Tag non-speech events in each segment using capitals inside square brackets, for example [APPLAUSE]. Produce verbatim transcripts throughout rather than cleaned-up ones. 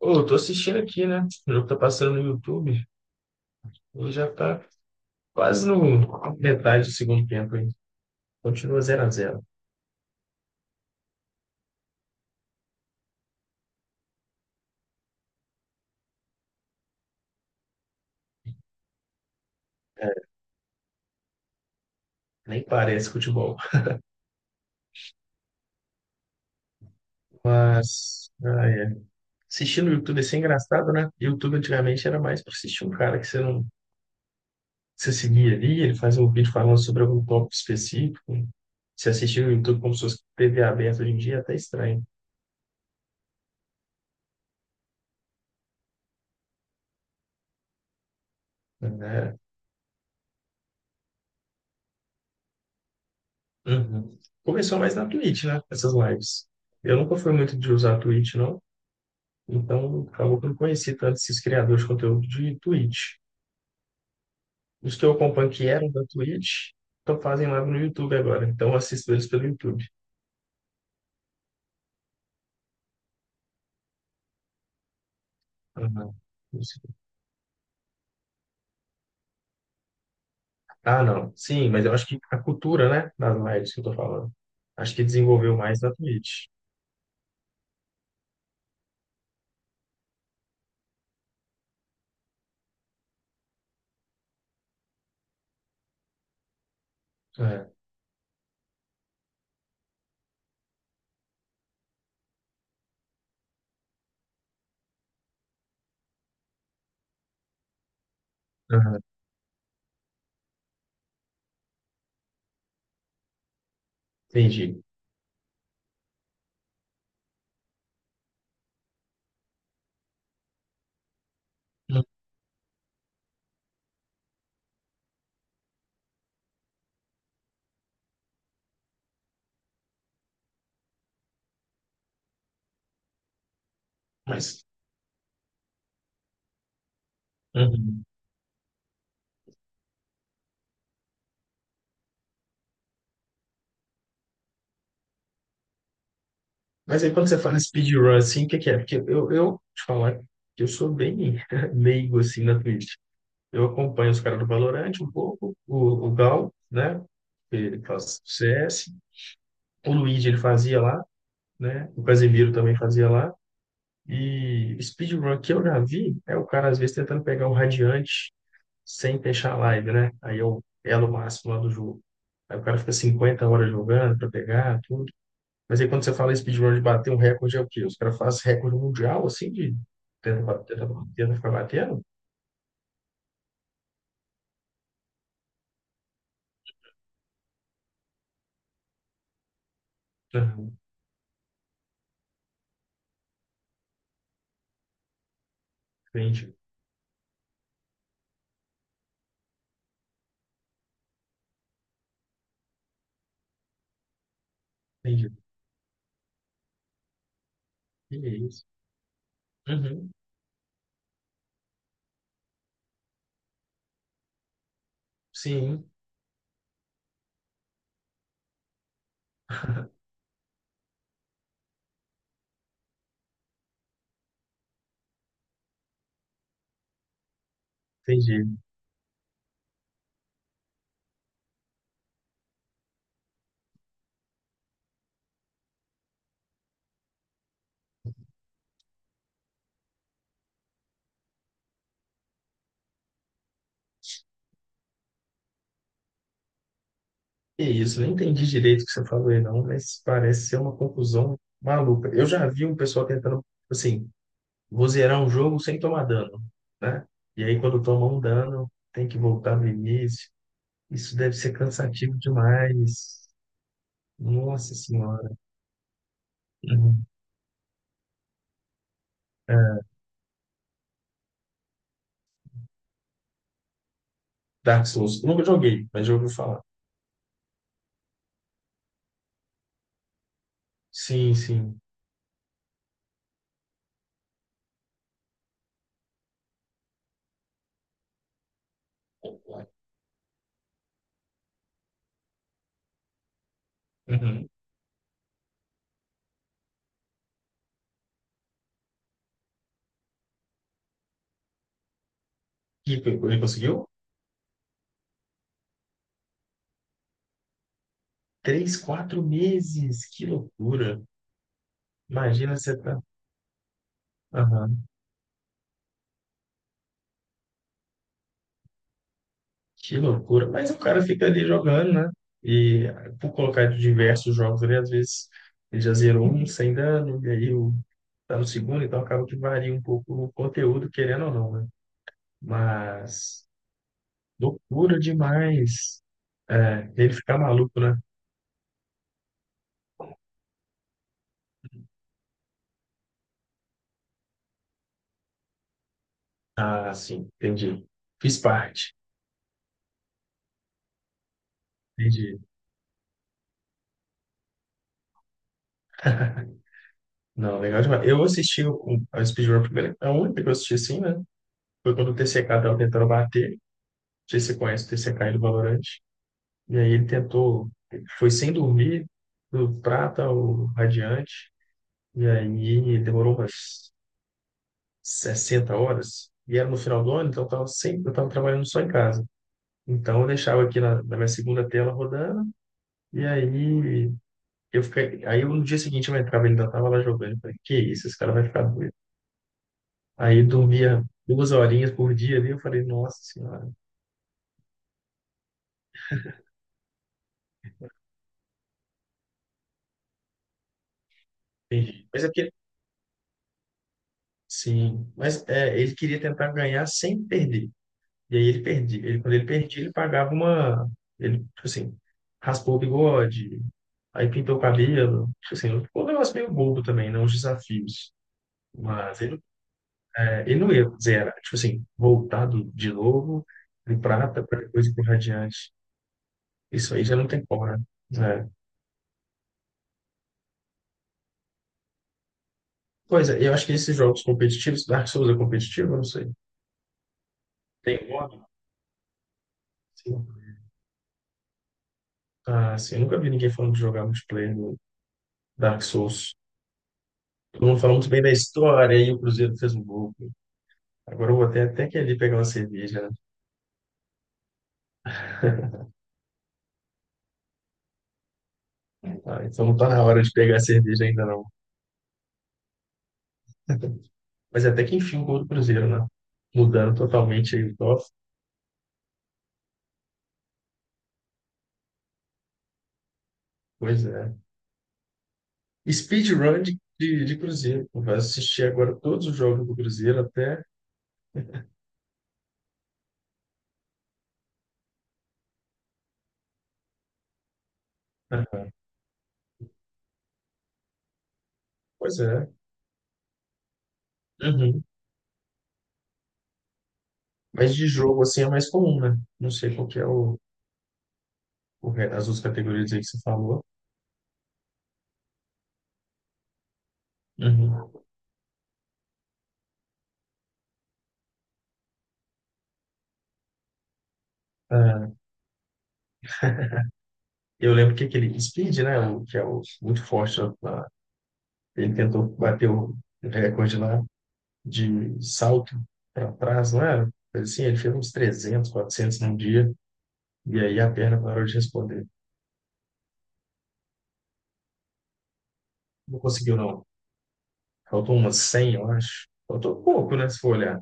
Ô, eu tô assistindo aqui, né? O jogo tá passando no YouTube e já tá quase no metade do segundo tempo ainda. Continua zero a zero. Nem parece futebol. Mas, ah, é. Assistir no YouTube assim é engraçado, né? YouTube antigamente era mais pra assistir um cara que você não você seguia ali, ele faz um vídeo falando sobre algum tópico específico. Se assistir no YouTube como se fosse T V aberta hoje em dia é até estranho, né? Uhum. Começou mais na Twitch, né? Essas lives. Eu nunca fui muito de usar Twitch, não. Então, acabou que eu não conheci tanto esses criadores de conteúdo de Twitch. Os que eu acompanho que eram da Twitch, estão fazem live no YouTube agora. Então, eu assisto eles pelo YouTube. Ah, não. Ah, não. Sim, mas eu acho que a cultura, né, das lives que eu tô falando, acho que desenvolveu mais na Twitch. É. Aham. Entendi. Hum. Mas, uhum. Mas aí quando você fala speedrun, assim, o que que é? Porque eu, eu te falar que eu sou bem [LAUGHS] leigo, assim, na Twitch. Eu acompanho os caras do Valorant um pouco, o, o Gal, né? Ele faz C S, o Luigi ele fazia lá, né? O Casemiro também fazia lá. E speedrun que eu já vi é o cara às vezes tentando pegar o Radiante sem fechar a live, né? Aí é o elo máximo lá do jogo. Aí o cara fica cinquenta horas jogando para pegar tudo. Mas aí quando você fala em speedrun de bater um recorde é o quê? Os caras fazem recorde mundial assim de tenta, tenta, tenta ficar batendo? Uhum, entendi, entendi. Que isso? Uhum. Sim, [LAUGHS] entendi. Que isso, eu não entendi direito o que você falou aí, não, mas parece ser uma conclusão maluca. Eu já vi um pessoal tentando, assim, vou zerar um jogo sem tomar dano, né? E aí, quando toma um dano, tem que voltar no início. Isso deve ser cansativo demais. Nossa Senhora. Uhum. Dark Souls. Eu nunca joguei, mas já ouvi falar. Sim, sim. Uhum. E ele conseguiu? Três, quatro meses. Que loucura. Imagina você tá. Aham. Que loucura. Mas o cara fica ali jogando, né? E por colocar diversos jogos ali, às vezes ele já zerou um sem dano, e aí o, tá no segundo, então acaba que varia um pouco o conteúdo, querendo ou não, né? Mas loucura demais. É, ele ficar maluco, né? Ah, sim, entendi. Fiz parte. Entendi. [LAUGHS] Não, legal demais. Eu assisti o, o, a Speedrun primeiro, a única que eu assisti assim, né? Foi quando o T C K tava tentando bater. Não sei se você conhece o T C K e do Valorant. E aí ele tentou, ele foi sem dormir, do prata ao radiante, e aí ele demorou umas sessenta horas, e era no final do ano, então eu estava sempre, eu tava trabalhando só em casa. Então eu deixava aqui na, na minha segunda tela rodando, e aí eu fiquei, aí eu, no dia seguinte eu entrava, ele ainda estava lá jogando, eu falei, que isso, esse cara vai ficar doido. Aí dormia duas horinhas por dia ali, eu falei, nossa senhora, entendi. Mas é que sim, mas é, ele queria tentar ganhar sem perder. E aí ele perdia. Ele, quando ele perdia, ele pagava uma. Ele, tipo assim, raspou o bigode, aí pintou o cabelo. Tipo assim, ficou um negócio meio bobo também, não os desafios. Mas ele, é, ele não ia zerar. Tipo assim, voltado de novo, de prata, para depois ir pro radiante. Isso aí já não tem como, né? É. Pois é, eu acho que esses jogos competitivos, Dark Souls é competitivo, eu não sei. Tem modo? Sim. Ah, sim, eu nunca vi ninguém falando de jogar multiplayer no Dark Souls. Todo mundo falou muito bem da história, e o Cruzeiro fez um gol. Agora eu vou até, até que ali pegar uma cerveja, né? [LAUGHS] Ah, então não tá na hora de pegar a cerveja ainda não. Mas até que enfim o gol do Cruzeiro, né? Mudando totalmente aí o top. Pois é. Speedrun de, de, de Cruzeiro. Pô. Vai assistir agora todos os jogos do Cruzeiro até. Aham. Pois é. Uhum. Mas de jogo assim é mais comum, né? Não sei qual que é o, o re- as outras categorias aí que você falou. Uhum. Ah, eu lembro que aquele Speed, né? O, que é o muito forte lá. Ele tentou bater o recorde lá de salto para trás, não era? Assim, ele fez uns trezentos quatrocentos num dia, e aí a perna parou de responder. Não conseguiu, não. Faltou umas cem eu acho. Faltou pouco, né? Se for olhar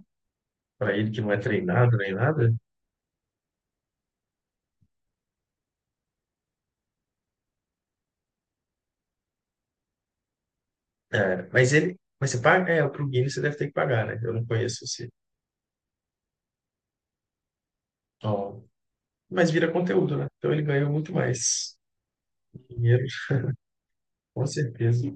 para ele que não é treinado nem nada. É, mas ele, mas você paga, é, para o Guinness você deve ter que pagar, né? Eu não conheço você. Ó, mas vira conteúdo, né? Então ele ganhou muito mais dinheiro, com certeza.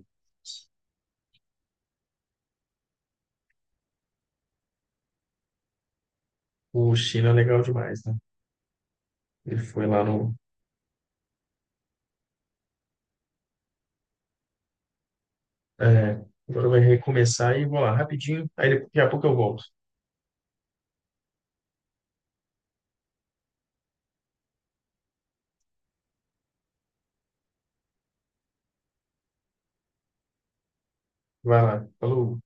O China é legal demais, né? Ele foi lá no. É, agora vai recomeçar e vou lá rapidinho, aí daqui a pouco eu volto. Vai lá. Falou.